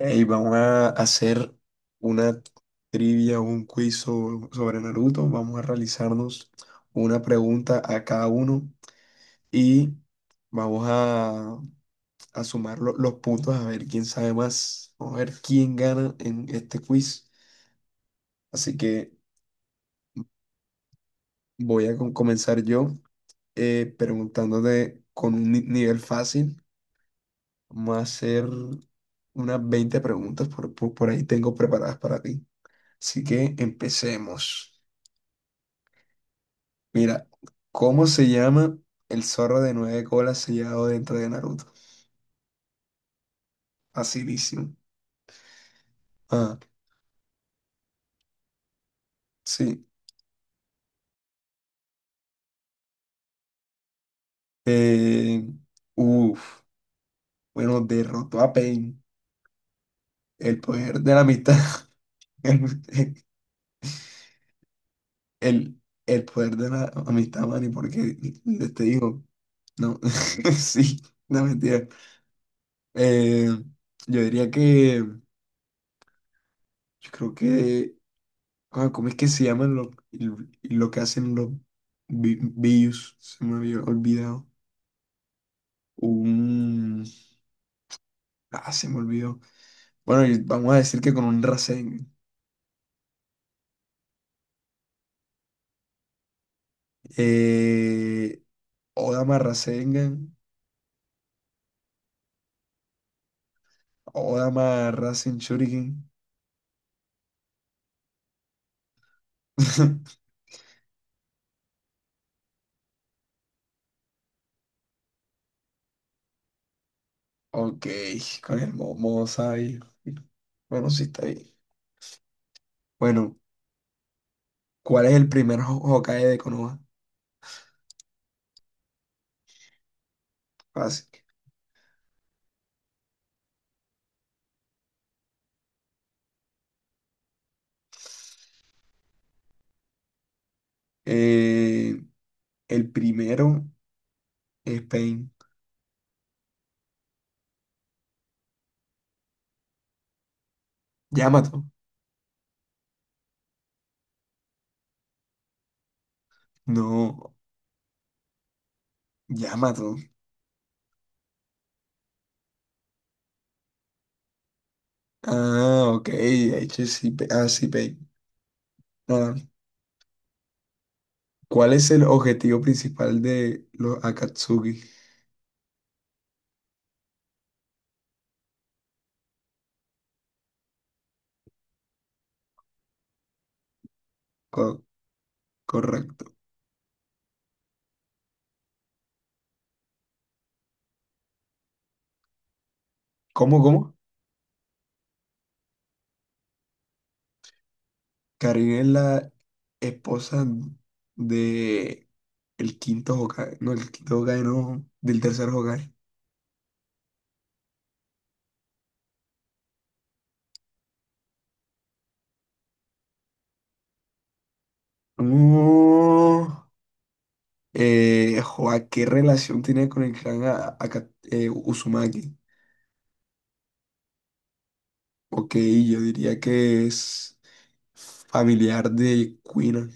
Ey, vamos a hacer una trivia, un quiz sobre Naruto. Vamos a realizarnos una pregunta a cada uno y vamos a sumar los puntos a ver quién sabe más. Vamos a ver quién gana en este quiz. Así que voy a comenzar yo, preguntándote con un nivel fácil. Vamos a hacer unas 20 preguntas por ahí tengo preparadas para ti. Así que empecemos. Mira, ¿cómo se llama el zorro de nueve colas sellado dentro de Naruto? Facilísimo. Ah, sí. Eh, uf, bueno, derrotó a Pain. El poder de la amistad. El, el, el poder de la amistad, Manny, porque te digo, no, sí, no mentira. Eh, yo diría que, yo creo que, ah, ¿cómo es que se llaman lo que hacen los Bius? Se me había olvidado. Un... Se me olvidó. Bueno, y vamos a decir que con un Rasengan. Eh, Odama Rasengan. Odama Rasen Shuriken. Ok, con el Momo Sabio. Bueno, sí está bien. Bueno, ¿cuál es el primer Hokage de Konoha? Fácil. Eh, el primero es Pain. Yamato. No, Yamato. Ah, ok, de hecho sí, sí, Pain. ¿Cuál es el objetivo principal de los Akatsuki? Co- correcto. ¿Cómo, cómo? Karin es la esposa de el quinto Hokage. No, el quinto Hokage no, del tercer Hokage. No. Joa, ¿qué relación tiene con el clan Uzumaki? Ok, yo diría que es familiar de Kuina.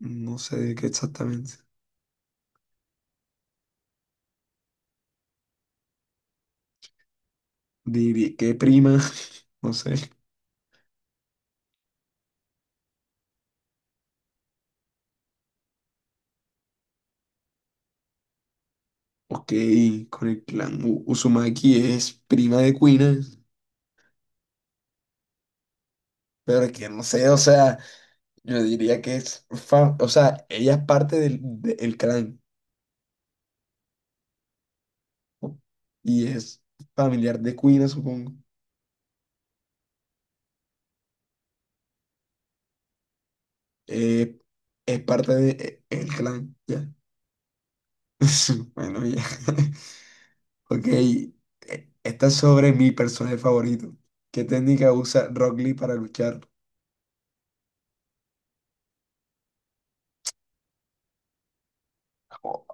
No sé de qué exactamente. Diría que prima, no sé. Ok, con el clan Uzumaki es prima de Kuina, pero que no sé. O sea, yo diría que es, o sea, ella es parte el clan, ¿no? Y es familiar de Kuina, supongo. Eh, es parte de el clan, ya. Bueno, ya. Ok, esta es sobre mi personaje favorito. ¿Qué técnica usa Rock Lee para luchar? Oh,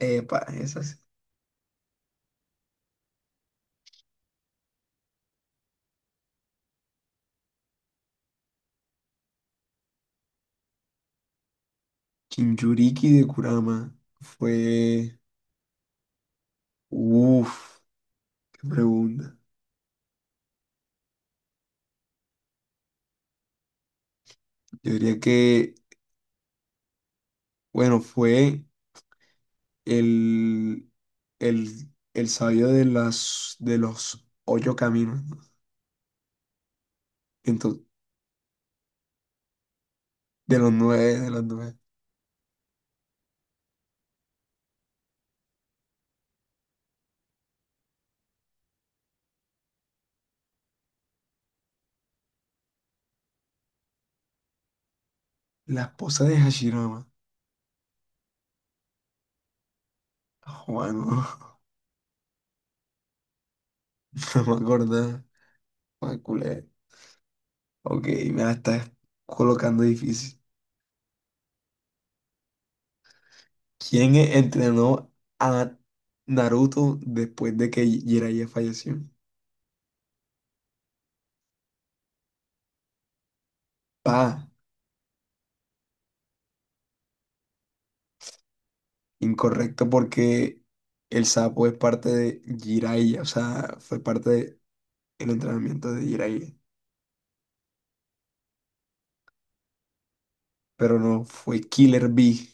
epa, esas. Jinchuriki de Kurama fue. Uf, qué pregunta. Yo diría que, bueno, fue el, el sabio de los ocho caminos, ¿no? Ento- de los nueve, de los nueve. La esposa de Hashirama. Juan, no, no me acordaba. Ah, culé. Ok, me la estás colocando difícil. ¿Quién entrenó a Naruto después de que Jiraiya falleció? Pa. Incorrecto porque el sapo es parte de Jiraiya, o sea, fue parte del entrenamiento de Jiraiya, pero no fue Killer Bee.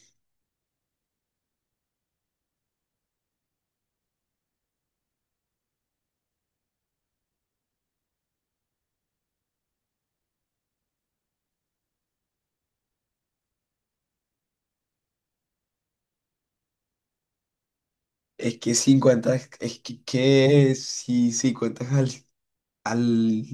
Es que si cuentas al,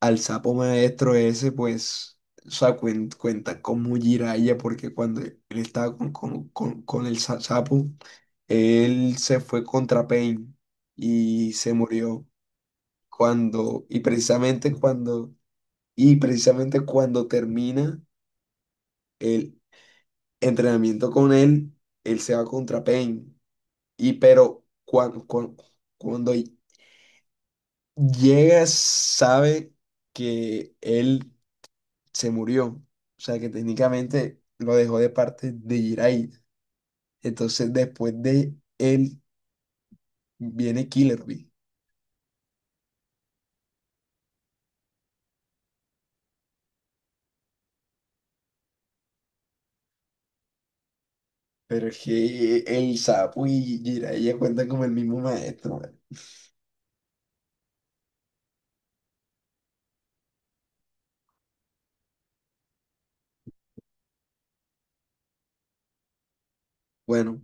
al sapo maestro ese, pues, o sea, cuenta como Jiraiya, porque cuando él estaba con el sapo, él se fue contra Pain y se murió. Cuando, y precisamente cuando Y precisamente cuando termina el entrenamiento con él, él se va contra Pain. Y pero cuando, llega, sabe que él se murió. O sea, que técnicamente lo dejó de parte de Jiraiya. Entonces, después de él, viene Killer Bee. Pero es que el sapo y Jiraiya cuentan como el mismo maestro, man. Bueno,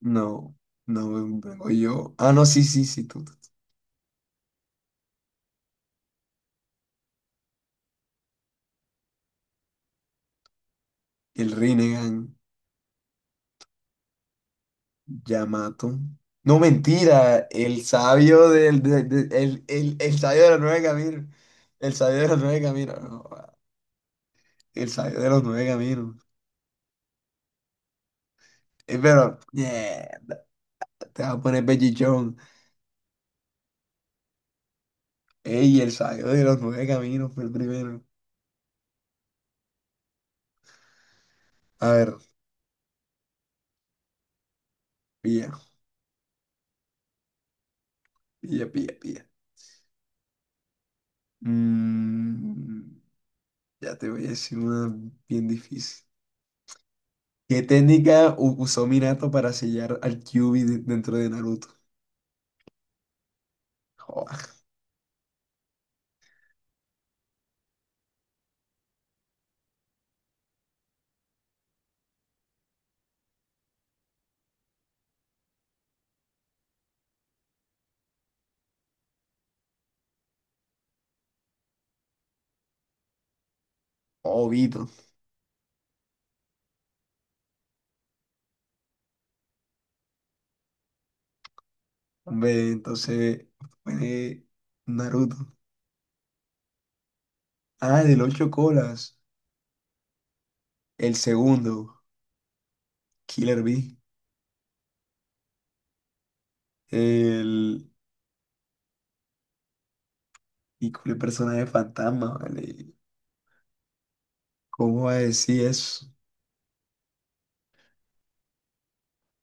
no, no vengo yo. Ah, no, sí, sí, sí, tú. El Rinnegan, Yamato. No, mentira, el sabio del, de- el sabio de los nueve caminos. El sabio de los nueve caminos. No, va, el sabio de los nueve caminos. Pero, yeah, te vas a poner pellichón. Ey, el sabio de los nueve caminos fue el primero. A ver, pilla, pilla, pilla, pilla. Mm, ya te voy a decir una bien difícil. ¿Qué técnica usó Minato para sellar al Kyuubi dentro de Naruto? Joder, Obito. Ve, entonces, fue Naruto. Ah, del ocho colas. El segundo, Killer Bee. El. Y con el personaje fantasma, ¿vale? ¿Cómo va a decir eso?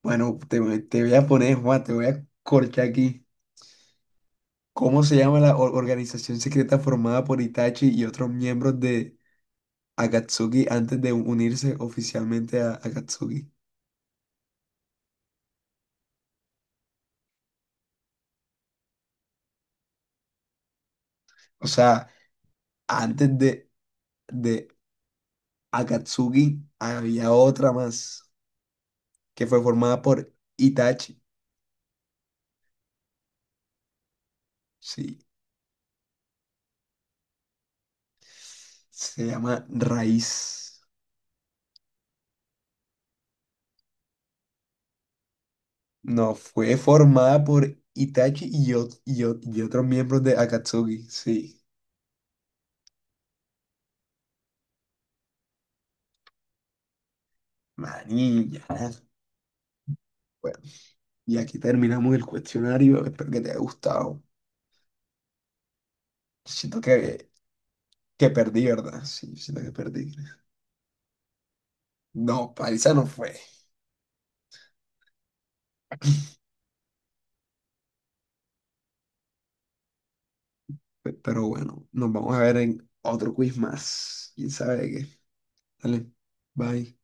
Bueno, te voy a poner, Juan, te voy a corchar aquí. ¿Cómo se llama la organización secreta formada por Itachi y otros miembros de Akatsuki antes de unirse oficialmente a Akatsuki? O sea, antes de Akatsuki había otra más que fue formada por Itachi. Sí, se llama Raíz. No, fue formada por Itachi y otros miembros de Akatsuki. Sí, manilla. Bueno, y aquí terminamos el cuestionario. Espero que te haya gustado. Siento que perdí, ¿verdad? Sí, siento que perdí. No, paliza no fue. Pero bueno, nos vamos a ver en otro quiz más. ¿Quién sabe de qué? Dale, bye.